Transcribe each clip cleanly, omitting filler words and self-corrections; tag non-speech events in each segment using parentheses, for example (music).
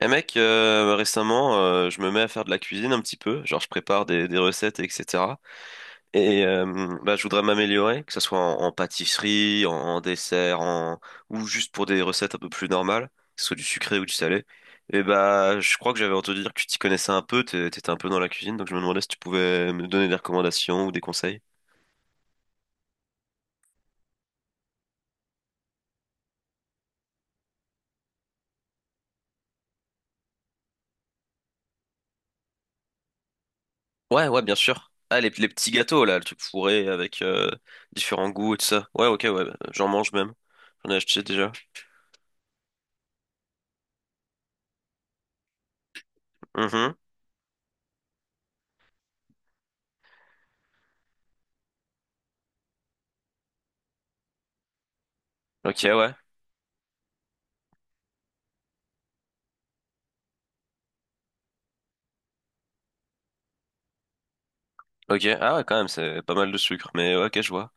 Eh mec, récemment, je me mets à faire de la cuisine un petit peu, genre je prépare des recettes, etc. Et je voudrais m'améliorer, que ce soit en pâtisserie, en dessert, en... ou juste pour des recettes un peu plus normales, que ce soit du sucré ou du salé. Et bah, je crois que j'avais entendu dire que tu t'y connaissais un peu, t'étais un peu dans la cuisine, donc je me demandais si tu pouvais me donner des recommandations ou des conseils. Ouais, ouais, bien sûr. Ah, les petits gâteaux, là, le truc fourré avec différents goûts et tout ça. Ouais, ok, ouais, j'en mange même. J'en ai acheté déjà. Ok, ouais. Ok. Ah ouais, quand même, c'est pas mal de sucre. Mais ouais, ok, je vois.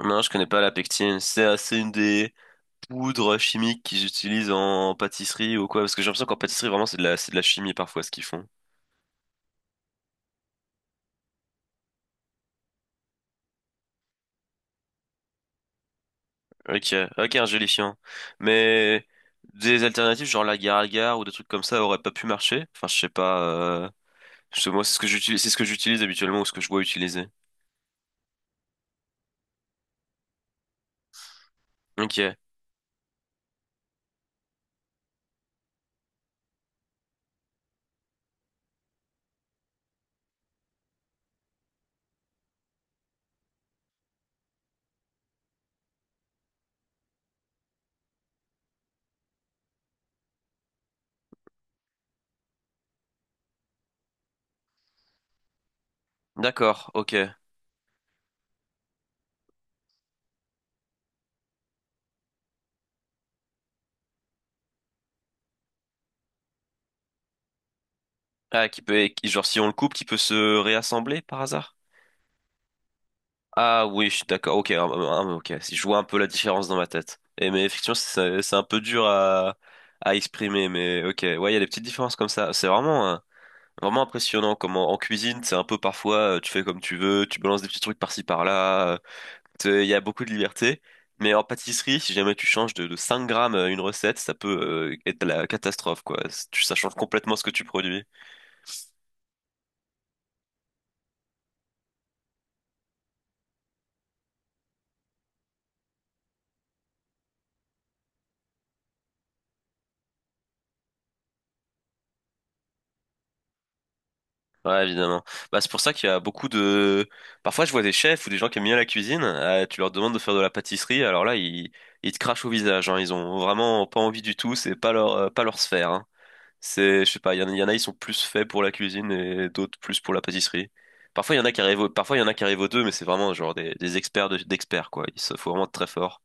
Non, je connais pas la pectine. C'est une des poudres chimiques qu'ils utilisent en pâtisserie ou quoi. Parce que j'ai l'impression qu'en pâtisserie, vraiment, c'est de la chimie parfois ce qu'ils font. Ok, ok, un gélifiant. Mais des alternatives, genre la agar ou des trucs comme ça, auraient pas pu marcher. Enfin, je sais pas. Moi, c'est ce que j'utilise habituellement ou ce que je vois utiliser. Ok, d'accord, ok. Ah, genre, si on le coupe, qui peut se réassembler par hasard? Ah oui, je suis d'accord. Ok, ah, ah, ok. Si je vois un peu la différence dans ma tête. Et mais effectivement, c'est un peu dur à exprimer. Mais ok, ouais, il y a des petites différences comme ça. C'est vraiment vraiment impressionnant. Comme en cuisine, c'est un peu parfois tu fais comme tu veux, tu balances des petits trucs par-ci par-là. Il y a beaucoup de liberté. Mais en pâtisserie, si jamais tu changes de 5 grammes une recette, ça peut être la catastrophe, quoi. Ça change complètement ce que tu produis. Ouais, évidemment. Bah, c'est pour ça qu'il y a beaucoup de... Parfois, je vois des chefs ou des gens qui aiment bien la cuisine, tu leur demandes de faire de la pâtisserie, alors là, ils te crachent au visage, hein. Ils ont vraiment pas envie du tout, c'est pas pas leur sphère, hein. C'est, je sais pas, il y en a, ils sont plus faits pour la cuisine et d'autres plus pour la pâtisserie. Parfois, il y en a qui arrivent aux deux, mais c'est vraiment genre des experts d'experts, quoi. Faut vraiment être très fort.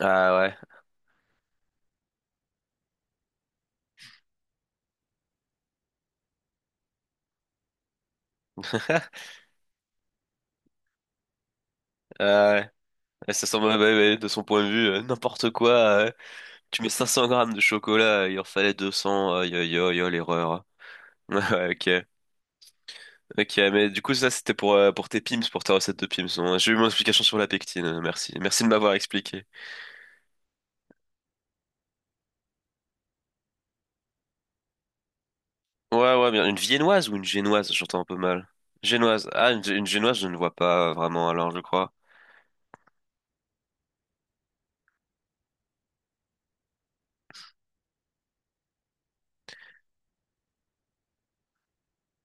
Ah ouais. (laughs) Ah ouais. Et ça semble, ouais, ouais, ouais, de son point de vue, n'importe quoi. Tu mets 500 grammes de chocolat, il en fallait 200, aïe aïe aïe, aïe, l'erreur. (laughs) Ouais, ok, ok, mais du coup ça c'était pour tes pims, pour ta recette de pims. Bon, j'ai eu mon explication sur la pectine, merci. Merci de m'avoir expliqué. Ouais, ouais, bien. Une viennoise ou une génoise, j'entends un peu mal. Génoise, ah, une génoise je ne vois pas vraiment alors je crois.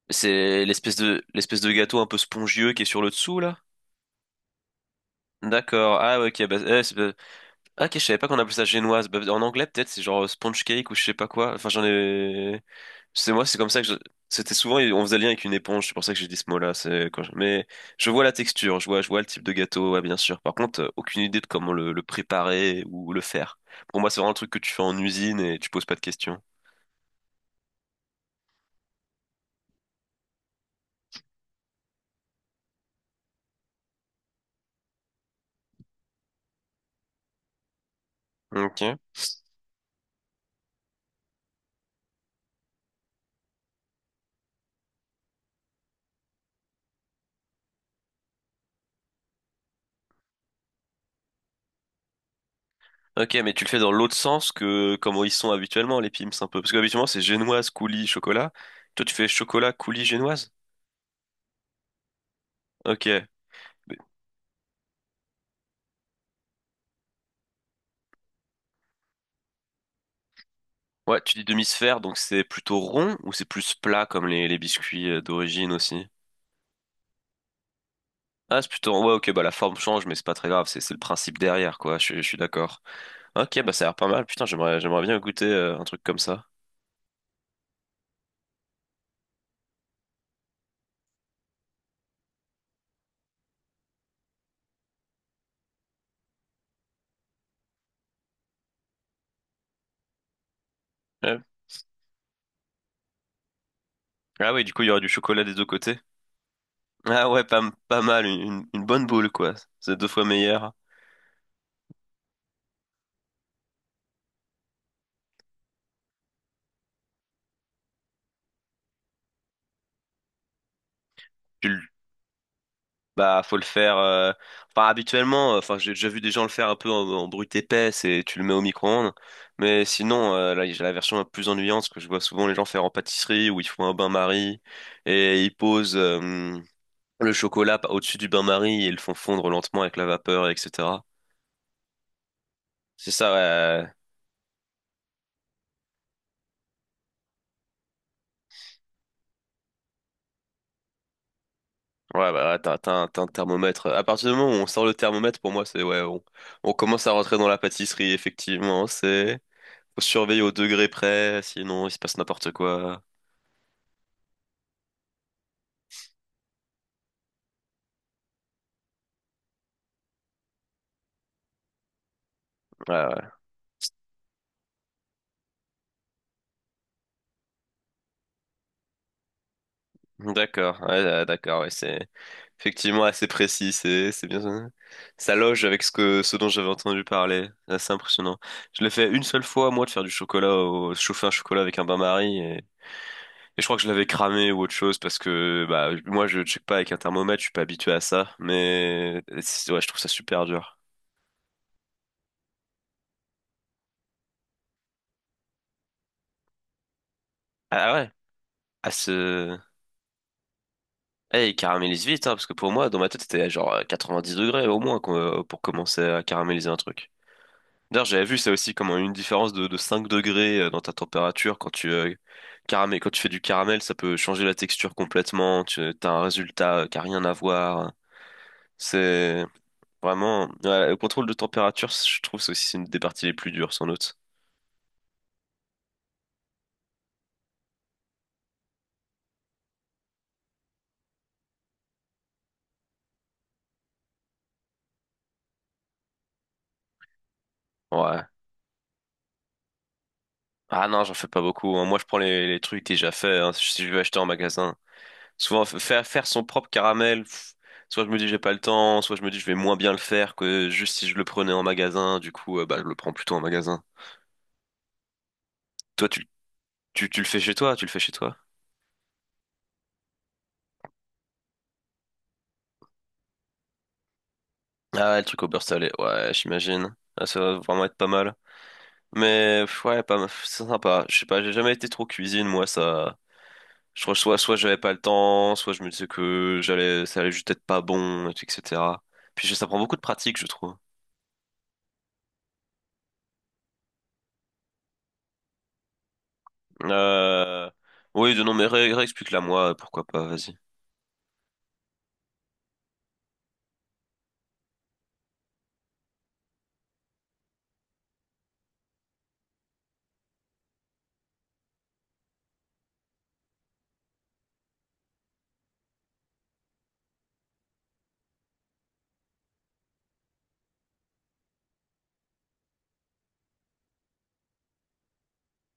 C'est l'espèce de gâteau un peu spongieux qui est sur le dessous là? D'accord, ah ouais, ok, bah, ah, ok, je savais pas qu'on appelait ça génoise. Bah, en anglais peut-être c'est genre sponge cake ou je sais pas quoi, enfin j'en ai... C'est moi, c'est comme ça que je... C'était souvent, on faisait lien avec une éponge, c'est pour ça que j'ai dit ce mot-là. Mais je vois la texture, je vois le type de gâteau, ouais, bien sûr. Par contre, aucune idée de comment le préparer ou le faire. Pour moi, c'est vraiment un truc que tu fais en usine et tu poses pas de questions. Ok. Ok, mais tu le fais dans l'autre sens que comment ils sont habituellement, les pims, un peu. Parce que habituellement, c'est génoise, coulis, chocolat. Toi, tu fais chocolat, coulis, génoise? Ok. Mais- Ouais, tu dis demi-sphère, donc c'est plutôt rond ou c'est plus plat comme les biscuits d'origine aussi? Ah, c'est plutôt... Ouais, ok, bah la forme change, mais c'est pas très grave, c'est le principe derrière, quoi, je suis d'accord. Ok, bah ça a l'air pas mal, putain, j'aimerais bien goûter un truc comme ça. Ouais. Ah oui, du coup, il y aura du chocolat des deux côtés. Ah ouais, pas mal, une bonne boule, quoi. C'est deux fois meilleur. Tu Bah, faut le faire. Enfin, habituellement, enfin, j'ai déjà vu des gens le faire un peu en brute épaisse et tu le mets au micro-ondes. Mais sinon, là, j'ai la version la plus ennuyante que je vois souvent les gens faire en pâtisserie où ils font un bain-marie et ils posent le chocolat au-dessus du bain-marie et ils le font fondre lentement avec la vapeur, etc. C'est ça, ouais. Ouais, bah, ouais, t'as t'as un thermomètre. À partir du moment où on sort le thermomètre, pour moi, on commence à rentrer dans la pâtisserie, effectivement. C'est Faut surveiller au degré près, sinon il se passe n'importe quoi. Ouais, ouais. D'accord, ouais, d'accord, ouais, c'est effectivement assez précis, c'est bien. Ça loge avec ce que ce dont j'avais entendu parler. C'est assez impressionnant. Je l'ai fait une seule fois, moi, de faire du chocolat au chauffer un chocolat avec un bain-marie et je crois que je l'avais cramé ou autre chose parce que bah moi je check pas avec un thermomètre, je suis pas habitué à ça, ouais, je trouve ça super dur. Ah ouais, à ce Eh, il caramélise vite, hein, parce que pour moi, dans ma tête, c'était genre 90 degrés au moins pour commencer à caraméliser un truc. D'ailleurs, j'avais vu ça aussi, comme une différence de 5 degrés dans ta température quand quand tu fais du caramel, ça peut changer la texture complètement. Tu as un résultat qui a rien à voir. C'est vraiment ouais, le contrôle de température, je trouve c'est aussi une des parties les plus dures, sans doute. Ouais. Ah non, j'en fais pas beaucoup, hein. Moi, je prends les trucs déjà faits, hein, si je veux acheter en magasin, souvent faire faire son propre caramel. Pff, soit je me dis j'ai pas le temps, soit je me dis je vais moins bien le faire que juste si je le prenais en magasin. Du coup, bah, je le prends plutôt en magasin. Toi, tu le fais chez toi, tu le fais chez toi. Ah ouais, le truc au beurre salé, ouais, j'imagine. Ah, ça va vraiment être pas mal. Mais pff, ouais, pas mal. C'est sympa. Je sais pas, j'ai jamais été trop cuisine, moi, ça. Je crois que soit j'avais pas le temps, soit je me disais que j'allais, ça allait juste être pas bon, et tout, etc. Ça prend beaucoup de pratique, je trouve. Euh... Oui, de non, mais réexplique-la moi, pourquoi pas, vas-y.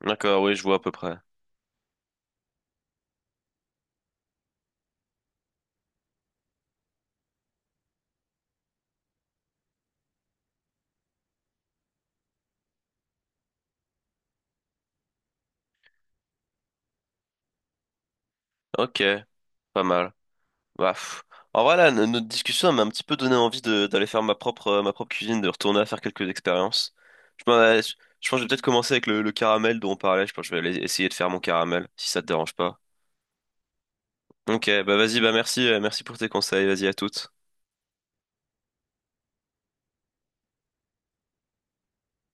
D'accord, oui, je vois à peu près. Ok, pas mal. Bah, pff. En vrai, là, notre discussion elle m'a un petit peu donné envie d'aller faire ma propre cuisine, de retourner à faire quelques expériences. Je, m'en- euh, je je pense que je vais peut-être commencer avec le caramel dont on parlait. Je pense que je vais aller essayer de faire mon caramel, si ça te dérange pas. Ok, bah vas-y, bah merci, merci pour tes conseils. Vas-y, à toutes.